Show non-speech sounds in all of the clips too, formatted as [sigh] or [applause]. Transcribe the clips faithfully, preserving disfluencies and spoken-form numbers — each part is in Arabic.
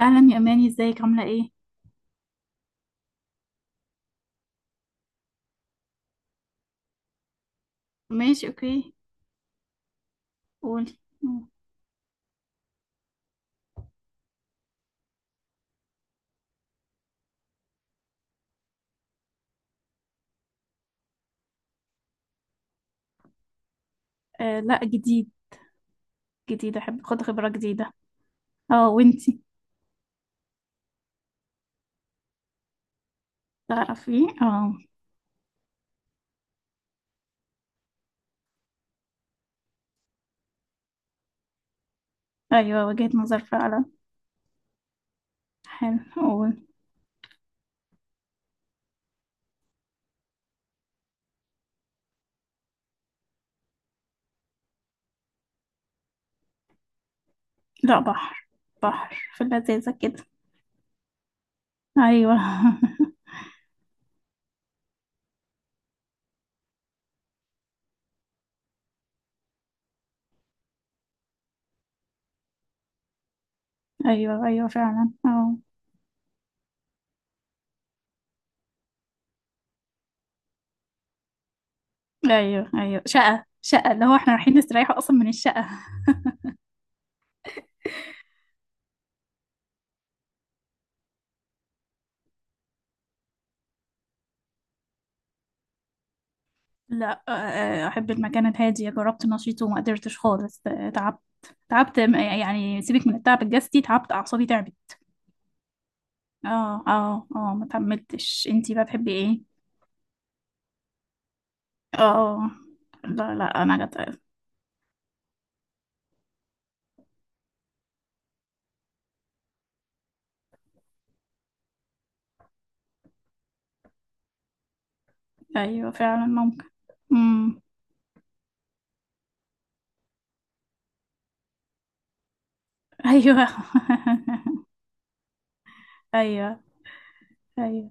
اهلا يا اماني، ازيك؟ عامله ايه؟ ماشي، اوكي. قولي. آه لا، جديد. جديد، احب اخد خبره جديده. اه، وانتي؟ تعرفي، اه. ايوه، وجهة نظر فعلا. حلو، قول. لا، بحر. بحر، في اللذيذه كده. ايوه. [laughs] ايوه ايوه فعلا، اه. ايوه ايوه، شقه شقه اللي هو احنا رايحين نستريح اصلا من الشقه. لا، آه، آه، احب المكان الهادي. جربت نشيط وما قدرتش خالص، آه، تعبت. تعبت م- يعني سيبك من التعب الجسدي، تعبت اعصابي، تعبت. اه اه اه، ما كملتش. انتي بقى بتحبي ايه؟ اه اه. لا لا، انا جت. ايوه فعلا، ممكن. امم. ايوه. [laughs] ايوه ايوه.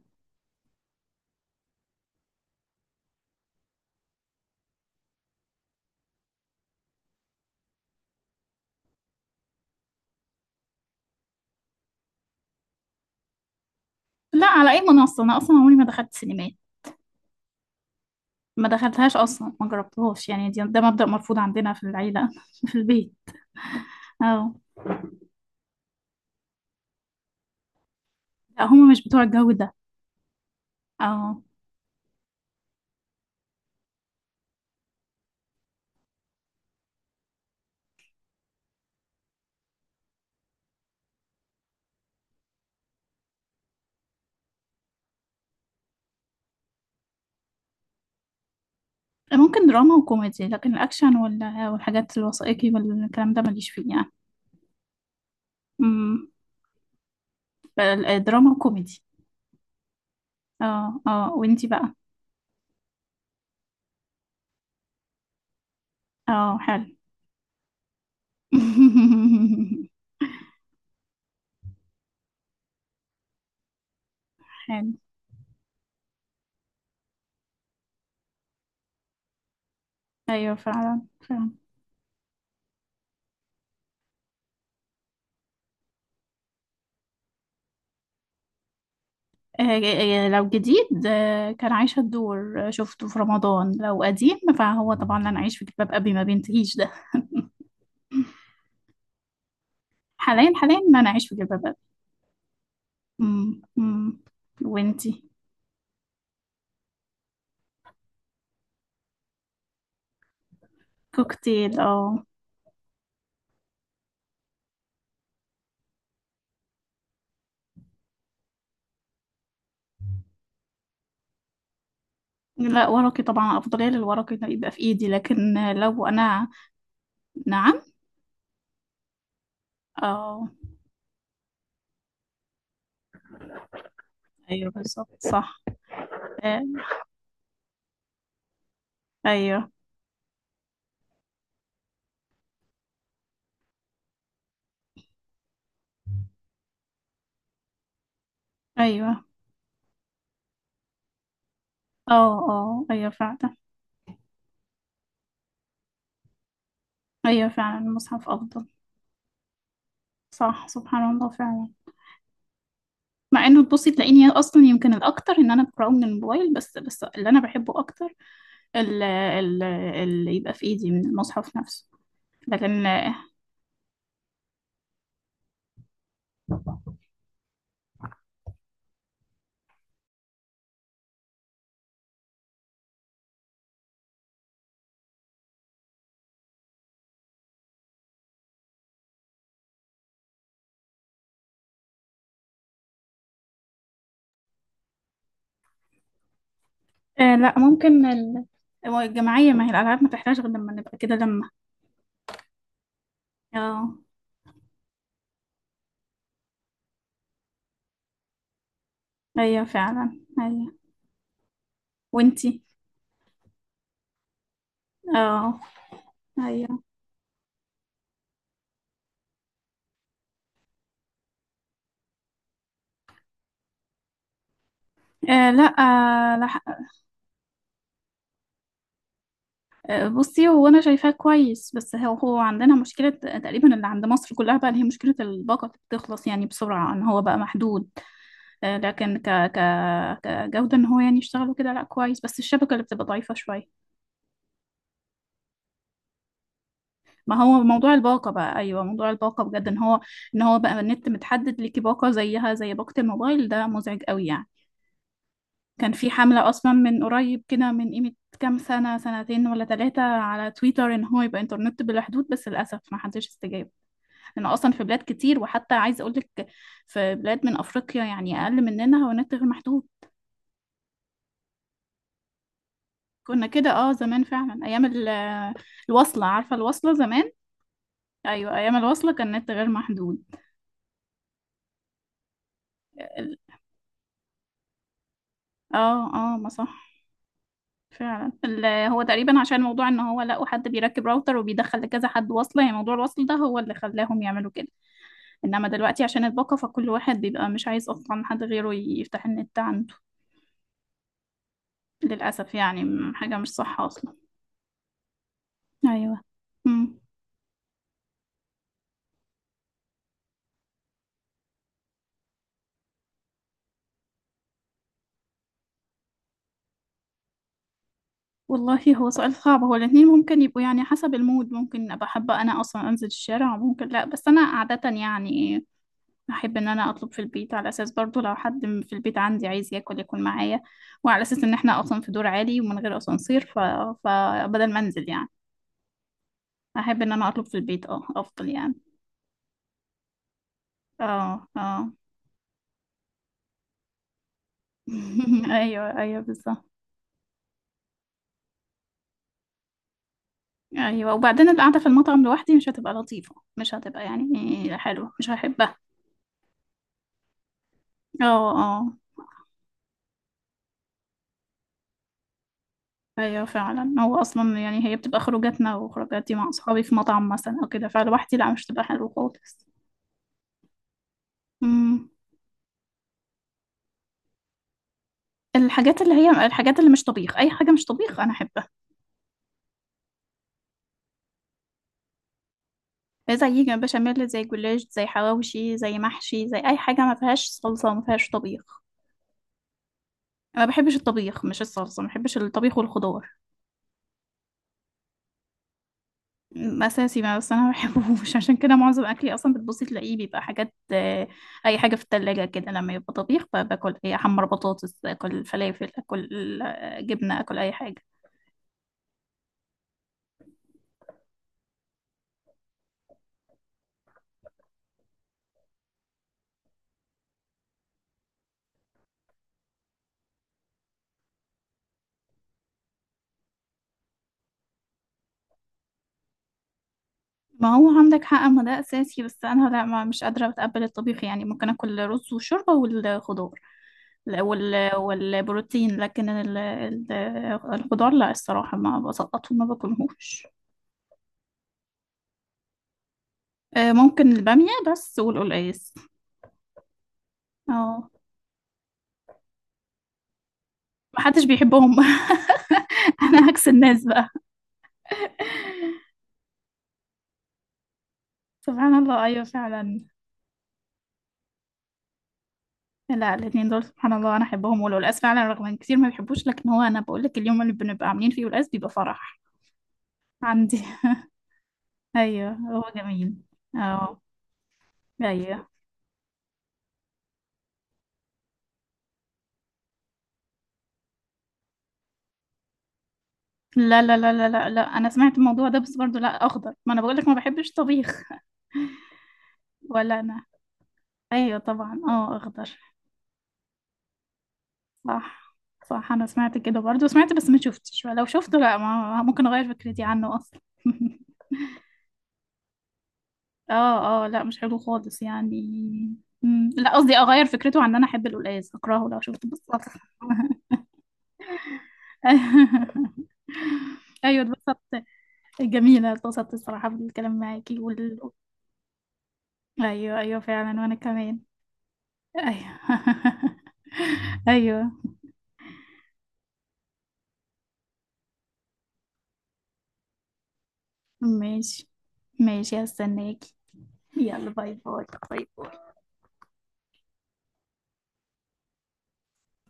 لا، على اي منصه. انا اصلا عمري ما دخلت سينمات. ما دخلتهاش اصلا، ما جربتهاش يعني. دي ده مبدأ مرفوض عندنا في العيله. [laughs] في البيت، اه. لا، هما مش بتوع الجو ده. اه. ممكن دراما وكوميدي، لكن الاكشن وال- والحاجات الوثائقي والكلام ده ماليش فيه يعني. امم. دراما وكوميدي. اه اه، وانتي بقى؟ اه، حلو. [laughs] حلو. ايوه فعلا فعلا. آه، آه، لو جديد، آه، كان عايشة الدور. آه، شفته في رمضان. لو قديم فهو طبعا لن أعيش في جلباب أبي، ما بينتهيش ده. [laughs] حاليا، حاليا لن أعيش في جلباب أبي. مم، مم. وانتي؟ كوكتيل، اه. لا، ورقي طبعا. أفضلية للورقي إنه يبقى في إيدي، لكن آه، لو أنا. نعم. اه. ايوه بالظبط، صح. آه. ايوه ايوه. اه اه. ايوه فعلا. ايوه، فعلا المصحف افضل. صح، سبحان الله فعلا. مع انه تبصي تلاقيني اصلا يمكن الاكتر ان انا بقراه من الموبايل، بس بس اللي انا بحبه اكتر ال- ال- اللي يبقى في ايدي من المصحف نفسه. لكن آه. لا، ممكن ال- هو الجماعية. ما هي الالعاب ما تحتاج غير لما نبقى كده، لما. اه. ايوه فعلا ايوه. وانتي؟ اه. ايوه. آه لا، آه لا. آه، بصي، هو انا شايفاه كويس، بس هو هو عندنا مشكلة تقريبا اللي عند مصر كلها بقى، اللي هي مشكلة الباقة اللي بتخلص يعني بسرعة، ان هو بقى محدود. آه، لكن ك ك كجودة ان هو يعني يشتغل وكده، لا كويس، بس الشبكة اللي بتبقى ضعيفة شوية. ما هو موضوع الباقة بقى، ايوه موضوع الباقة بجد ان هو، ان هو بقى النت متحدد ليكي باقة زيها زي باقة الموبايل، ده مزعج قوي يعني. كان في حملة اصلا من قريب كده، من قيمة كام سنة، سنتين ولا ثلاثة، على تويتر ان هو يبقى انترنت بلا حدود، بس للأسف ما حدش استجاب. لأنه اصلا في بلاد كتير، وحتى عايزة اقول لك في بلاد من افريقيا يعني اقل مننا هو النت غير محدود. كنا كده اه، زمان فعلا، ايام ال- الوصلة. عارفة الوصلة زمان؟ ايوه، ايام الوصلة كان النت غير محدود. ال- اه اه، ما صح، فعلا. ال- هو تقريبا عشان موضوع ان هو لقوا حد بيركب راوتر وبيدخل لكذا حد وصلة، يعني موضوع الوصل ده هو اللي خلاهم يعملوا كده. انما دلوقتي عشان الباقة، فكل واحد بيبقى مش عايز اصلا حد غيره يفتح النت عنده. للأسف يعني، م- حاجة مش صح اصلا. ايوه. مم. والله هو سؤال صعب. هو الاتنين ممكن يبقوا يعني، حسب المود. ممكن ابقى حابة انا اصلا انزل الشارع، وممكن لا، بس انا عادة يعني احب ان انا اطلب في البيت، على اساس برضو لو حد م- في البيت عندي عايز ياكل ياكل معايا، وعلى اساس ان احنا اصلا في دور عالي ومن غير اسانسير، ف... فبدل ما انزل يعني احب ان انا اطلب في البيت، اه افضل يعني. اه اه. [laughs] ايوه ايوه بالظبط. ايوه، وبعدين القعده في المطعم لوحدي مش هتبقى لطيفه، مش هتبقى يعني حلوه، مش هحبها. اه. آه. ايوه فعلا. هو اصلا يعني هي بتبقى خروجاتنا وخروجاتي مع اصحابي في مطعم مثلا او كده، فلوحدي لا مش تبقى حلوه خالص. امم. الحاجات اللي هي الحاجات اللي مش طبيخ، اي حاجه مش طبيخ انا احبها. زي جنب بشاميل، زي جلاش، زي حواوشي، زي محشي، زي اي حاجه ما فيهاش صلصه وما فيهاش طبيخ. انا ما بحبش الطبيخ، مش الصلصه، ما بحبش الطبيخ والخضار. اساسي، ما بس انا ما بحبهوش. [laughs] عشان كده معظم اكلي اصلا بتبصي تلاقيه بيبقى حاجات، آه، اي حاجه في التلاجة كده لما يبقى طبيخ، ب- باكل اي احمر بطاطس، اكل فلافل، اكل آه، جبنه، اكل اي حاجه. ما هو عندك حق، ما ده اساسي، بس انا لا ما مش قادره اتقبل الطبيخ يعني. ممكن اكل رز وشوربه والخضار، لا، وال والبروتين، لكن ال- ال- الخضار لا، الصراحه ما بسقطه، ما باكلهوش. آه، ممكن الباميه بس والقلقاس. اه. محدش بيحبهم. [laughs] انا عكس الناس بقى. سبحان الله، ايوه فعلا. لا الاثنين دول سبحان الله انا احبهم، والقلقاس فعلا رغم ان كتير ما بيحبوش، لكن هو انا بقول لك اليوم اللي بنبقى عاملين فيه قلقاس بيبقى فرح عندي. ايوه، هو جميل. اه، ايوه. لا لا لا لا لا لا، انا سمعت الموضوع ده بس برضو لا، اخضر، ما انا بقول لك ما بحبش طبيخ. [laughs] ولا انا. ايوه طبعا، اه اخضر. صح صح، انا سمعت كده برضه، سمعت بس ما شفتش، ولو شفته لا، ما ممكن اغير فكرتي عنه اصلا. [laughs] اه اه، لا مش حلو خالص يعني. مم، لا قصدي اغير فكرته عن ان انا احب القلقاس، اكرهه لو شفته بالظبط. [laughs] ايوه، اتبسطت. جميله، اتبسطت الصراحه بالكلام معاكي وال... ايوه ايوه فعلا، وانا كمان. ايوه. [laughs] ايوه. ماشي. ماشي، هستناكي. يلا، باي باي. باي باي.